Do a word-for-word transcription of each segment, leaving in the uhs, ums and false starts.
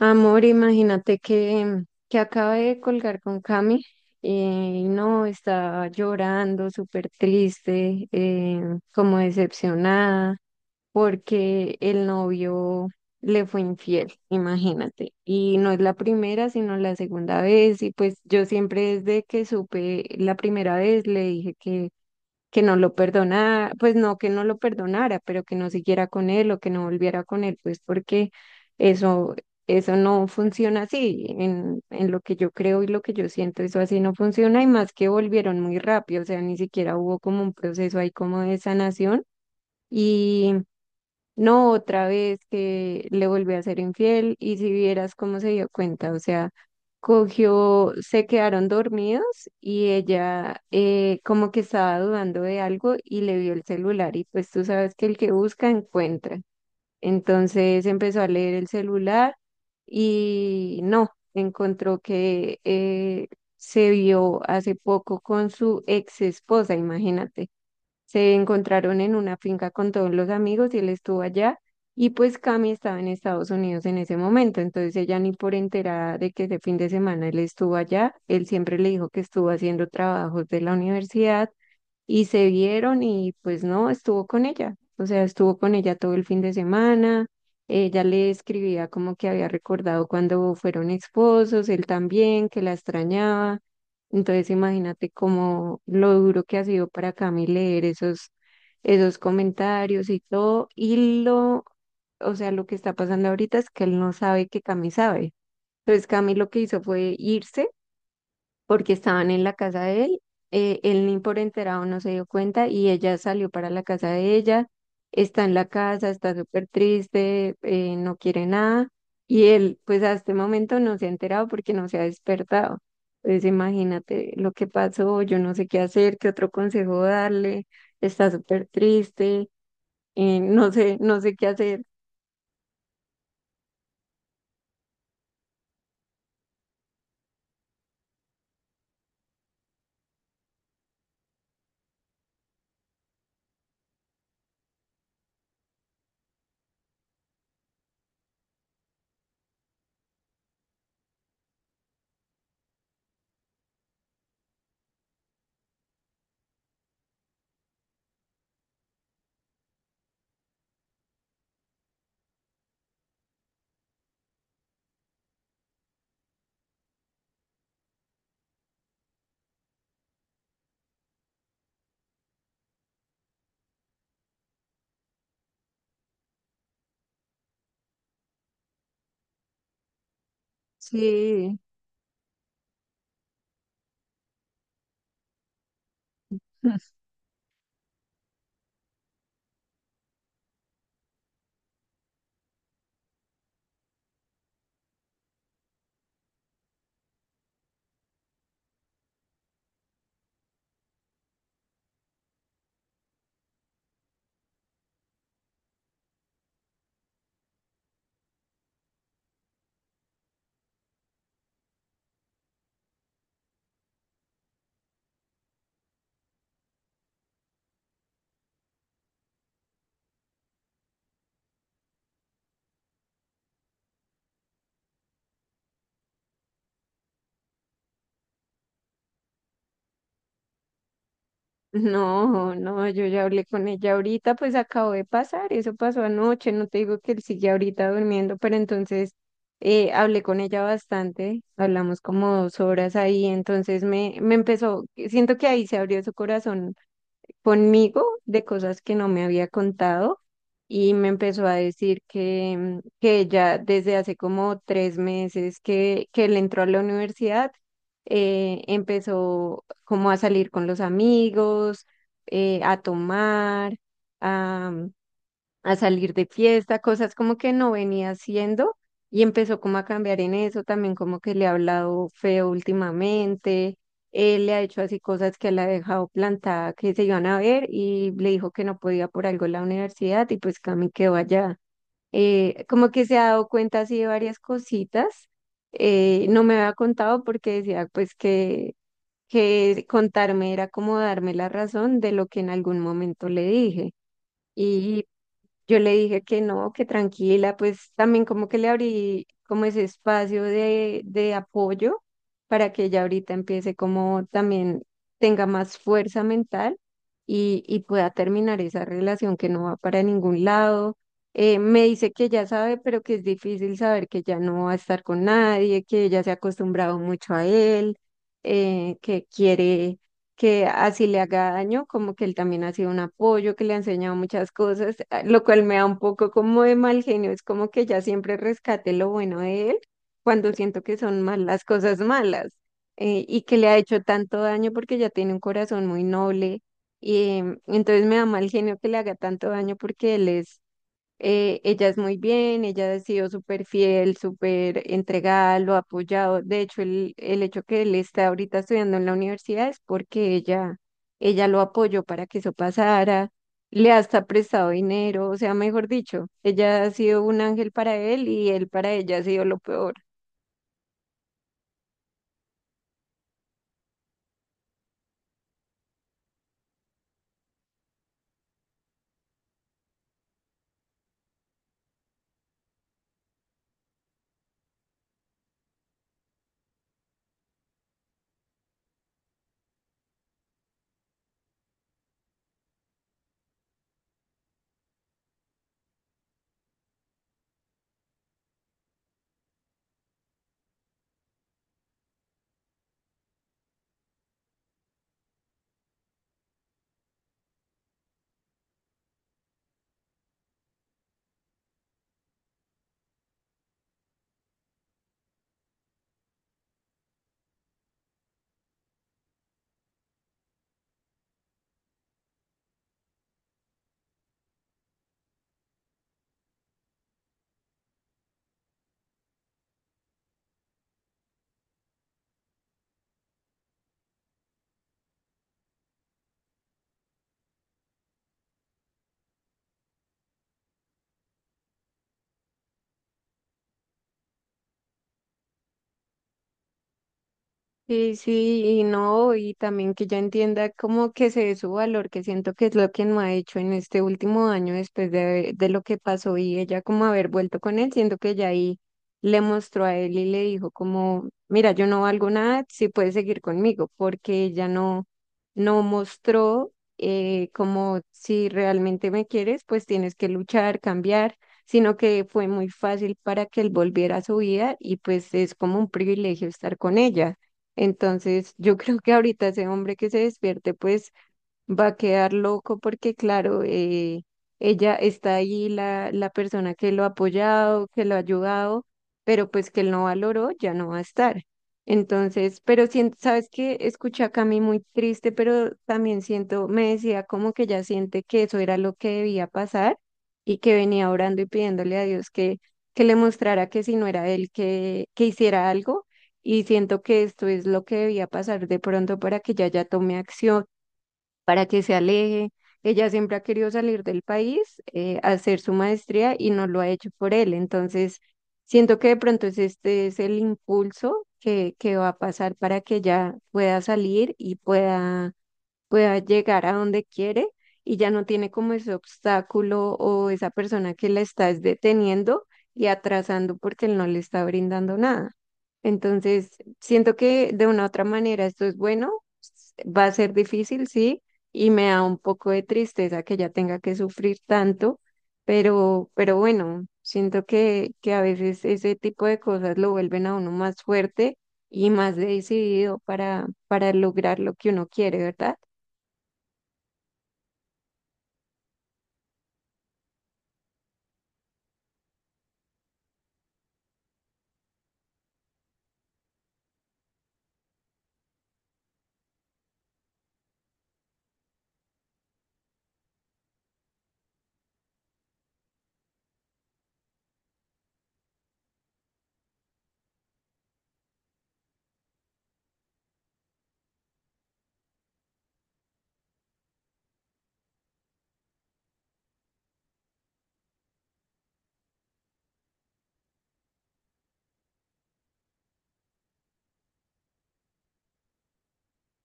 Amor, imagínate que, que acabé de colgar con Cami eh, y no, estaba llorando, súper triste, eh, como decepcionada, porque el novio le fue infiel, imagínate. Y no es la primera, sino la segunda vez. Y pues yo siempre desde que supe la primera vez le dije que que no lo perdona, pues no que no lo perdonara, pero que no siguiera con él o que no volviera con él, pues porque eso, eso no funciona así, en, en lo que yo creo y lo que yo siento, eso así no funciona y más que volvieron muy rápido, o sea, ni siquiera hubo como un proceso ahí como de sanación. Y no, otra vez que le volví a ser infiel y si vieras cómo se dio cuenta, o sea, cogió, se quedaron dormidos y ella eh, como que estaba dudando de algo y le vio el celular y pues tú sabes que el que busca encuentra. Entonces empezó a leer el celular y no, encontró que eh, se vio hace poco con su ex esposa, imagínate. Se encontraron en una finca con todos los amigos y él estuvo allá. Y pues Cami estaba en Estados Unidos en ese momento, entonces ella ni por enterada de que ese fin de semana él estuvo allá, él siempre le dijo que estuvo haciendo trabajos de la universidad y se vieron y pues no, estuvo con ella, o sea, estuvo con ella todo el fin de semana, ella le escribía como que había recordado cuando fueron esposos, él también, que la extrañaba, entonces imagínate como lo duro que ha sido para Cami leer esos, esos comentarios y todo, y lo, o sea, lo que está pasando ahorita es que él no sabe que Cami sabe. Entonces Cami lo que hizo fue irse porque estaban en la casa de él. eh, él ni por enterado no se dio cuenta y ella salió para la casa de ella, está en la casa, está súper triste, eh, no quiere nada y él pues a este momento no se ha enterado porque no se ha despertado. Entonces imagínate lo que pasó, yo no sé qué hacer, qué otro consejo darle, está súper triste, eh, no sé, no sé qué hacer. Sí. No, no, yo ya hablé con ella ahorita, pues acabo de pasar, eso pasó anoche, no te digo que él sigue ahorita durmiendo, pero entonces eh, hablé con ella bastante, hablamos como dos horas ahí, entonces me, me empezó, siento que ahí se abrió su corazón conmigo de cosas que no me había contado y me empezó a decir que, mm, que ella desde hace como tres meses que, que él entró a la universidad, eh, empezó como a salir con los amigos, eh, a tomar, a salir de fiesta, cosas como que no venía haciendo y empezó como a cambiar en eso, también como que le ha hablado feo últimamente, él le ha hecho así cosas que la ha dejado plantada que se iban a ver y le dijo que no podía por algo la universidad y pues Cami quedó allá. Eh, como que se ha dado cuenta así de varias cositas, eh, no me había contado porque decía pues que, que contarme era como darme la razón de lo que en algún momento le dije. Y yo le dije que no, que tranquila, pues también como que le abrí como ese espacio de, de apoyo para que ella ahorita empiece como también tenga más fuerza mental y, y pueda terminar esa relación que no va para ningún lado. Eh, me dice que ya sabe, pero que es difícil saber que ya no va a estar con nadie, que ella se ha acostumbrado mucho a él, eh, que quiere que así le haga daño, como que él también ha sido un apoyo, que le ha enseñado muchas cosas, a- lo cual me da un poco como de mal genio, es como que ya siempre rescate lo bueno de él cuando siento que son malas cosas malas eh, y que le ha hecho tanto daño porque ya tiene un corazón muy noble y em, entonces me da mal genio que le haga tanto daño porque él es eh, ella es muy bien, ella ha sido súper fiel, súper entregada, lo ha apoyado. De hecho, el, el hecho que él está ahorita estudiando en la universidad es porque ella, ella lo apoyó para que eso pasara, le ha hasta prestado dinero, o sea, mejor dicho, ella ha sido un ángel para él y él para ella ha sido lo peor. Sí, sí, y no, y también que ya entienda como que se dé su valor, que siento que es lo que no ha hecho en este último año después de, de lo que pasó y ella como haber vuelto con él, siento que ya ahí le mostró a él y le dijo como, mira, yo no valgo nada, si puedes seguir conmigo, porque ella no, no mostró eh, como si realmente me quieres, pues tienes que luchar, cambiar, sino que fue muy fácil para que él volviera a su vida y pues es como un privilegio estar con ella. Entonces, yo creo que ahorita ese hombre que se despierte, pues va a quedar loco porque, claro, eh, ella está ahí, la, la persona que lo ha apoyado, que lo ha ayudado, pero pues que él no valoró, ya no va a estar. Entonces, pero siento, sabes que escuché a Cami muy triste, pero también siento, me decía como que ya siente que eso era lo que debía pasar y que venía orando y pidiéndole a Dios que, que le mostrara que si no era él, que, que hiciera algo. Y siento que esto es lo que debía pasar de pronto para que ella ya tome acción para que se aleje. Ella siempre ha querido salir del país, eh, hacer su maestría y no lo ha hecho por él. Entonces, siento que de pronto es este es el impulso que, que va a pasar para que ella pueda salir y pueda pueda llegar a donde quiere y ya no tiene como ese obstáculo o esa persona que la está es deteniendo y atrasando porque él no le está brindando nada. Entonces, siento que de una u otra manera esto es bueno, s- va a ser difícil, sí, y me da un poco de tristeza que ella tenga que sufrir tanto, pero, pero bueno, siento que, que a veces ese tipo de cosas lo vuelven a uno más fuerte y más decidido para, para lograr lo que uno quiere, ¿verdad?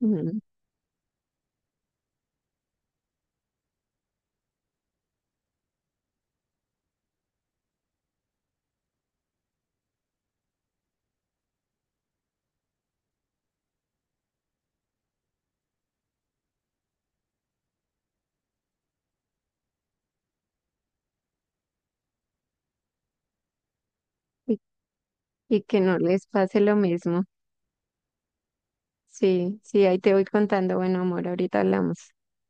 Mm. Y, y que no les pase lo mismo. Sí, sí, ahí te voy contando. Bueno, amor, ahorita hablamos.